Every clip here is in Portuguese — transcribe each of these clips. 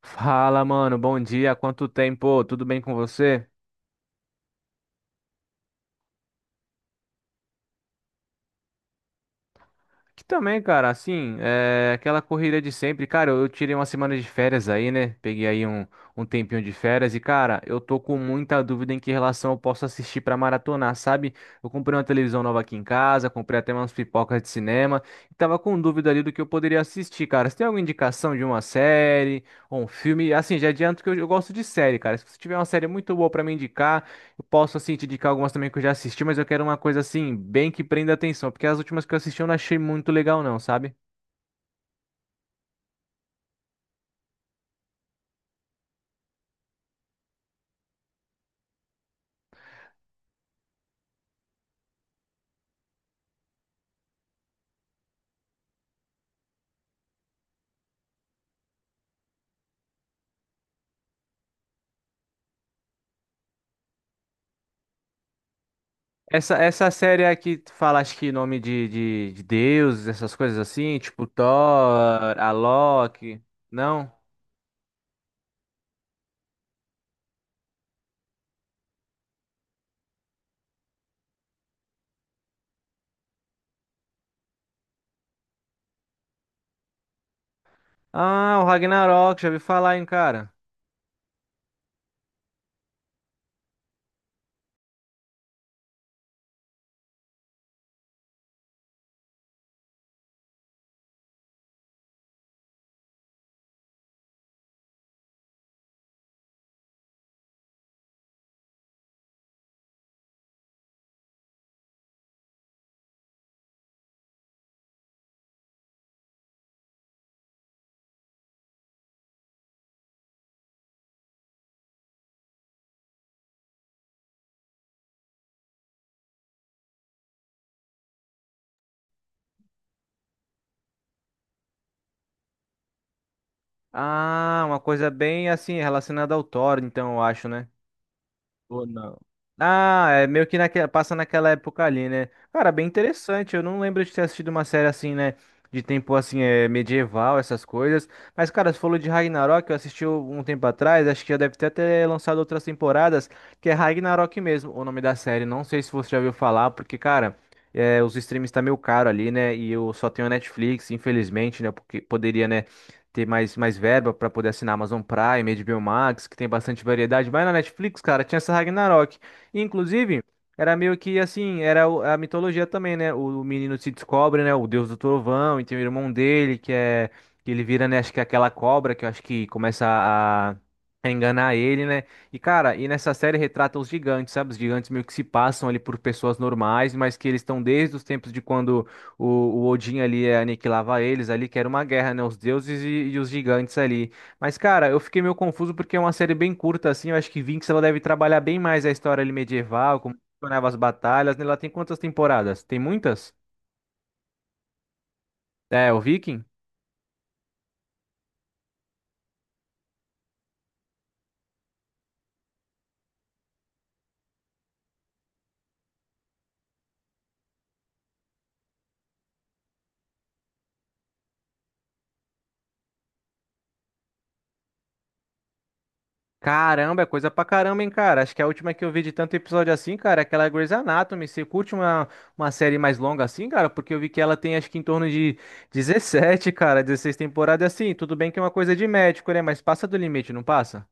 Fala, mano, bom dia, quanto tempo, tudo bem com você? Aqui também, cara, assim, é aquela corrida de sempre, cara, eu tirei uma semana de férias aí, né, peguei aí um tempinho de férias e, cara, eu tô com muita dúvida em que relação eu posso assistir pra maratonar, sabe? Eu comprei uma televisão nova aqui em casa, comprei até umas pipocas de cinema e tava com dúvida ali do que eu poderia assistir, cara, você tem alguma indicação de uma série ou um filme? Assim, já adianto que eu gosto de série, cara, se você tiver uma série muito boa pra me indicar, eu posso, assim, te indicar algumas também que eu já assisti, mas eu quero uma coisa, assim, bem que prenda atenção, porque as últimas que eu assisti eu não achei muito legal, não, sabe? Essa série aqui tu fala, acho que nome de deuses, essas coisas assim, tipo Thor, a Loki, não? Ah, o Ragnarok, já ouvi falar, hein, cara? Ah, uma coisa bem, assim, relacionada ao Thor, então, eu acho, né? Ou não? Ah, é meio que naquela, passa naquela época ali, né? Cara, bem interessante. Eu não lembro de ter assistido uma série assim, né? De tempo assim, é, medieval, essas coisas. Mas, cara, você falou de Ragnarok, eu assisti um tempo atrás, acho que já deve ter até lançado outras temporadas, que é Ragnarok mesmo, o nome da série. Não sei se você já ouviu falar, porque, cara, é, os streams tá meio caro ali, né? E eu só tenho a Netflix, infelizmente, né? Porque poderia, né? Ter mais, mais verba para poder assinar Amazon Prime, HBO Max, que tem bastante variedade. Mas na Netflix, cara, tinha essa Ragnarok. E, inclusive, era meio que assim, era o- a mitologia também, né? O menino se descobre, né? O deus do trovão, e tem o irmão dele, que é. Que ele vira, né? Acho que é aquela cobra que eu acho que começa a. A enganar ele, né? E cara, e nessa série retrata os gigantes, sabe? Os gigantes meio que se passam ali por pessoas normais, mas que eles estão desde os tempos de quando o Odin ali é, aniquilava eles ali, que era uma guerra, né? Os deuses e os gigantes ali. Mas, cara, eu fiquei meio confuso porque é uma série bem curta, assim. Eu acho que Vinx ela deve trabalhar bem mais a história ali medieval, como funcionava as batalhas, né? Ela tem quantas temporadas? Tem muitas? É, o Viking? Caramba, é coisa pra caramba, hein, cara? Acho que a última que eu vi de tanto episódio assim, cara, é aquela Grey's Anatomy. Você curte uma série mais longa assim, cara? Porque eu vi que ela tem acho que em torno de 17 cara, 16 temporadas assim. Tudo bem que é uma coisa de médico, né? Mas passa do limite, não passa?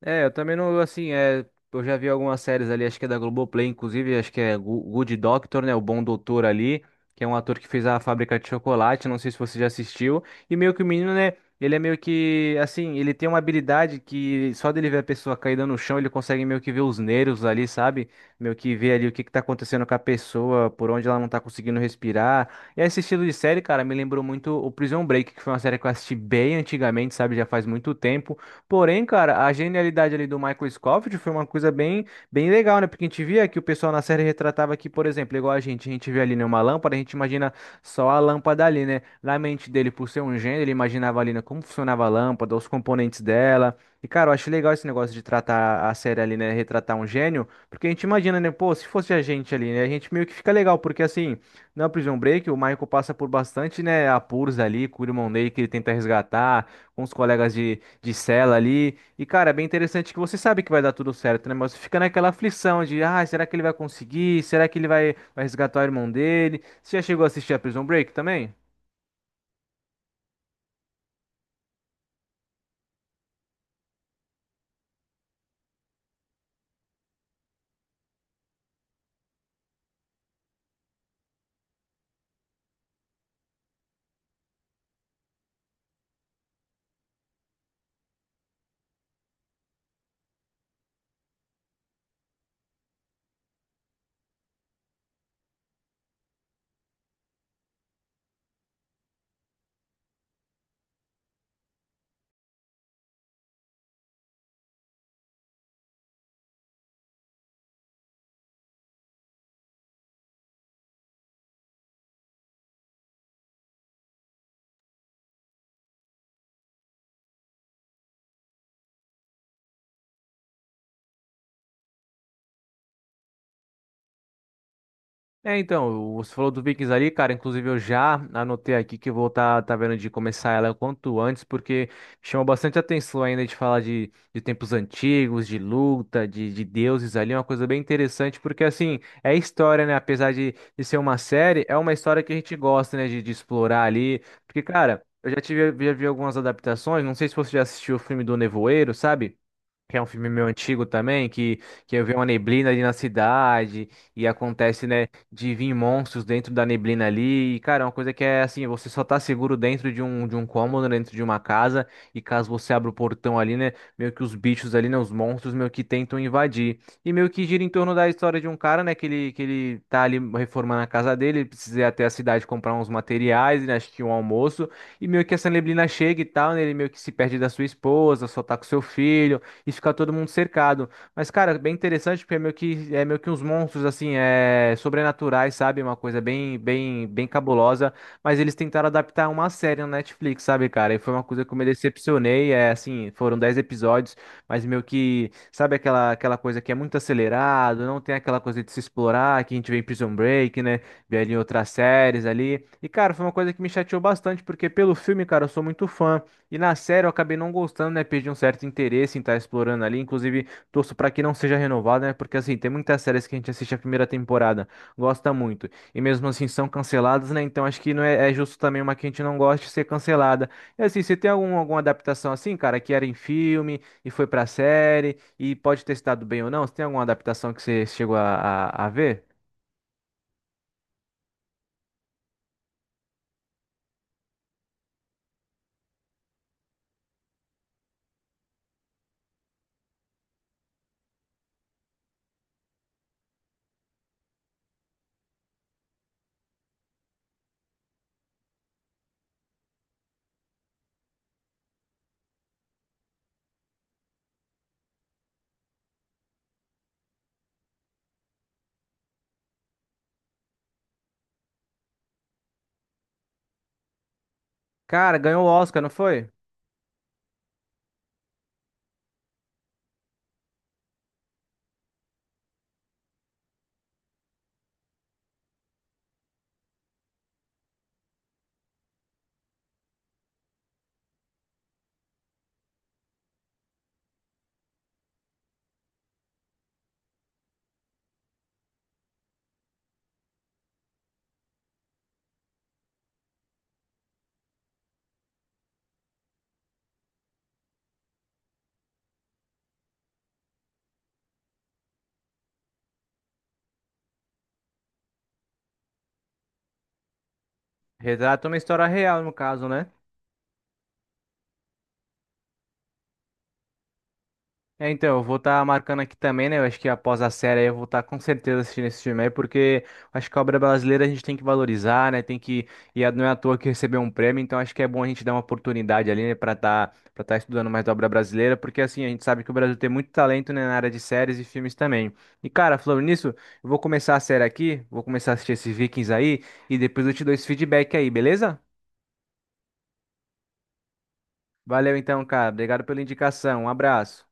É, eu também não, assim, é, eu já vi algumas séries ali, acho que é da Globoplay, inclusive, acho que é Go- Good Doctor, né, o Bom Doutor ali, que é um ator que fez a Fábrica de Chocolate, não sei se você já assistiu, e meio que o menino, né, ele é meio que, assim, ele tem uma habilidade que só dele ver a pessoa caída no chão, ele consegue meio que ver os nervos ali, sabe? Meio que ver ali o que que tá acontecendo com a pessoa, por onde ela não tá conseguindo respirar. E esse estilo de série, cara, me lembrou muito o Prison Break, que foi uma série que eu assisti bem antigamente, sabe, já faz muito tempo, porém, cara, a genialidade ali do Michael Scofield foi uma coisa bem, bem legal, né? Porque a gente via que o pessoal na série retratava que, por exemplo, igual a gente vê ali, né, uma lâmpada, a gente imagina só a lâmpada ali, né? Na mente dele, por ser um gênio, ele imaginava ali, né, como funcionava a lâmpada, os componentes dela. E, cara, eu acho legal esse negócio de tratar a série ali, né? Retratar um gênio, porque a gente imagina, né? Pô, se fosse a gente ali, né? A gente meio que fica legal, porque assim, na Prison Break, o Michael passa por bastante, né, apuros ali, com o irmão dele que ele tenta resgatar, com os colegas de cela ali. E, cara, é bem interessante que você sabe que vai dar tudo certo, né? Mas você fica naquela aflição de, ah, será que ele vai conseguir? Será que ele vai, vai resgatar o irmão dele? Você já chegou a assistir a Prison Break também? É, então, você falou do Vikings ali, cara. Inclusive, eu já anotei aqui que eu vou estar tá, tá vendo de começar ela o quanto antes, porque chama bastante atenção ainda de falar de tempos antigos, de luta, de deuses ali. É uma coisa bem interessante, porque assim, é história, né? Apesar de ser uma série, é uma história que a gente gosta, né? De explorar ali. Porque, cara, eu já tive, já vi algumas adaptações. Não sei se você já assistiu o filme do Nevoeiro, sabe? Que é um filme meio antigo também, que eu vi uma neblina ali na cidade, e acontece, né, de vir monstros dentro da neblina ali, e, cara, é uma coisa que é assim, você só tá seguro dentro de um cômodo, né, dentro de uma casa, e caso você abra o portão ali, né, meio que os bichos ali, né, os monstros meio que tentam invadir. E meio que gira em torno da história de um cara, né, que ele tá ali reformando a casa dele, ele precisa ir até a cidade comprar uns materiais, né, acho que um almoço, e meio que essa neblina chega e tal, né, ele meio que se perde da sua esposa, só tá com seu filho, e fica todo mundo cercado. Mas, cara, bem interessante porque é meio que uns monstros, assim, é, sobrenaturais, sabe? Uma coisa bem, bem, bem cabulosa. Mas eles tentaram adaptar uma série no Netflix, sabe, cara? E foi uma coisa que eu me decepcionei. É assim, foram 10 episódios, mas meio que, sabe aquela, aquela coisa que é muito acelerado, não tem aquela coisa de se explorar, que a gente vê em Prison Break, né? Vê ali em outras séries ali. E, cara, foi uma coisa que me chateou bastante, porque pelo filme, cara, eu sou muito fã. E na série eu acabei não gostando, né? Perdi um certo interesse em estar explorando ali. Inclusive, torço para que não seja renovada, né? Porque assim, tem muitas séries que a gente assiste a primeira temporada, gosta muito. E mesmo assim são canceladas, né? Então acho que não é, é justo também uma que a gente não goste ser cancelada. E assim, você tem algum, alguma adaptação assim, cara, que era em filme e foi pra série e pode ter estado bem ou não? Você tem alguma adaptação que você chegou a, a ver? Cara, ganhou o Oscar, não foi? Retrata uma história real, no caso, né? É, então, eu vou estar marcando aqui também, né? Eu acho que após a série aí eu vou estar com certeza assistindo esse filme aí, porque acho que a obra brasileira a gente tem que valorizar, né? Tem que. E a- não é à toa que recebeu um prêmio, então acho que é bom a gente dar uma oportunidade ali, né, pra estar para estar estudando mais da obra brasileira, porque assim, a gente sabe que o Brasil tem muito talento, né, na área de séries e filmes também. E cara, falando nisso, eu vou começar a série aqui, vou começar a assistir esses Vikings aí, e depois eu te dou esse feedback aí, beleza? Valeu então, cara. Obrigado pela indicação. Um abraço.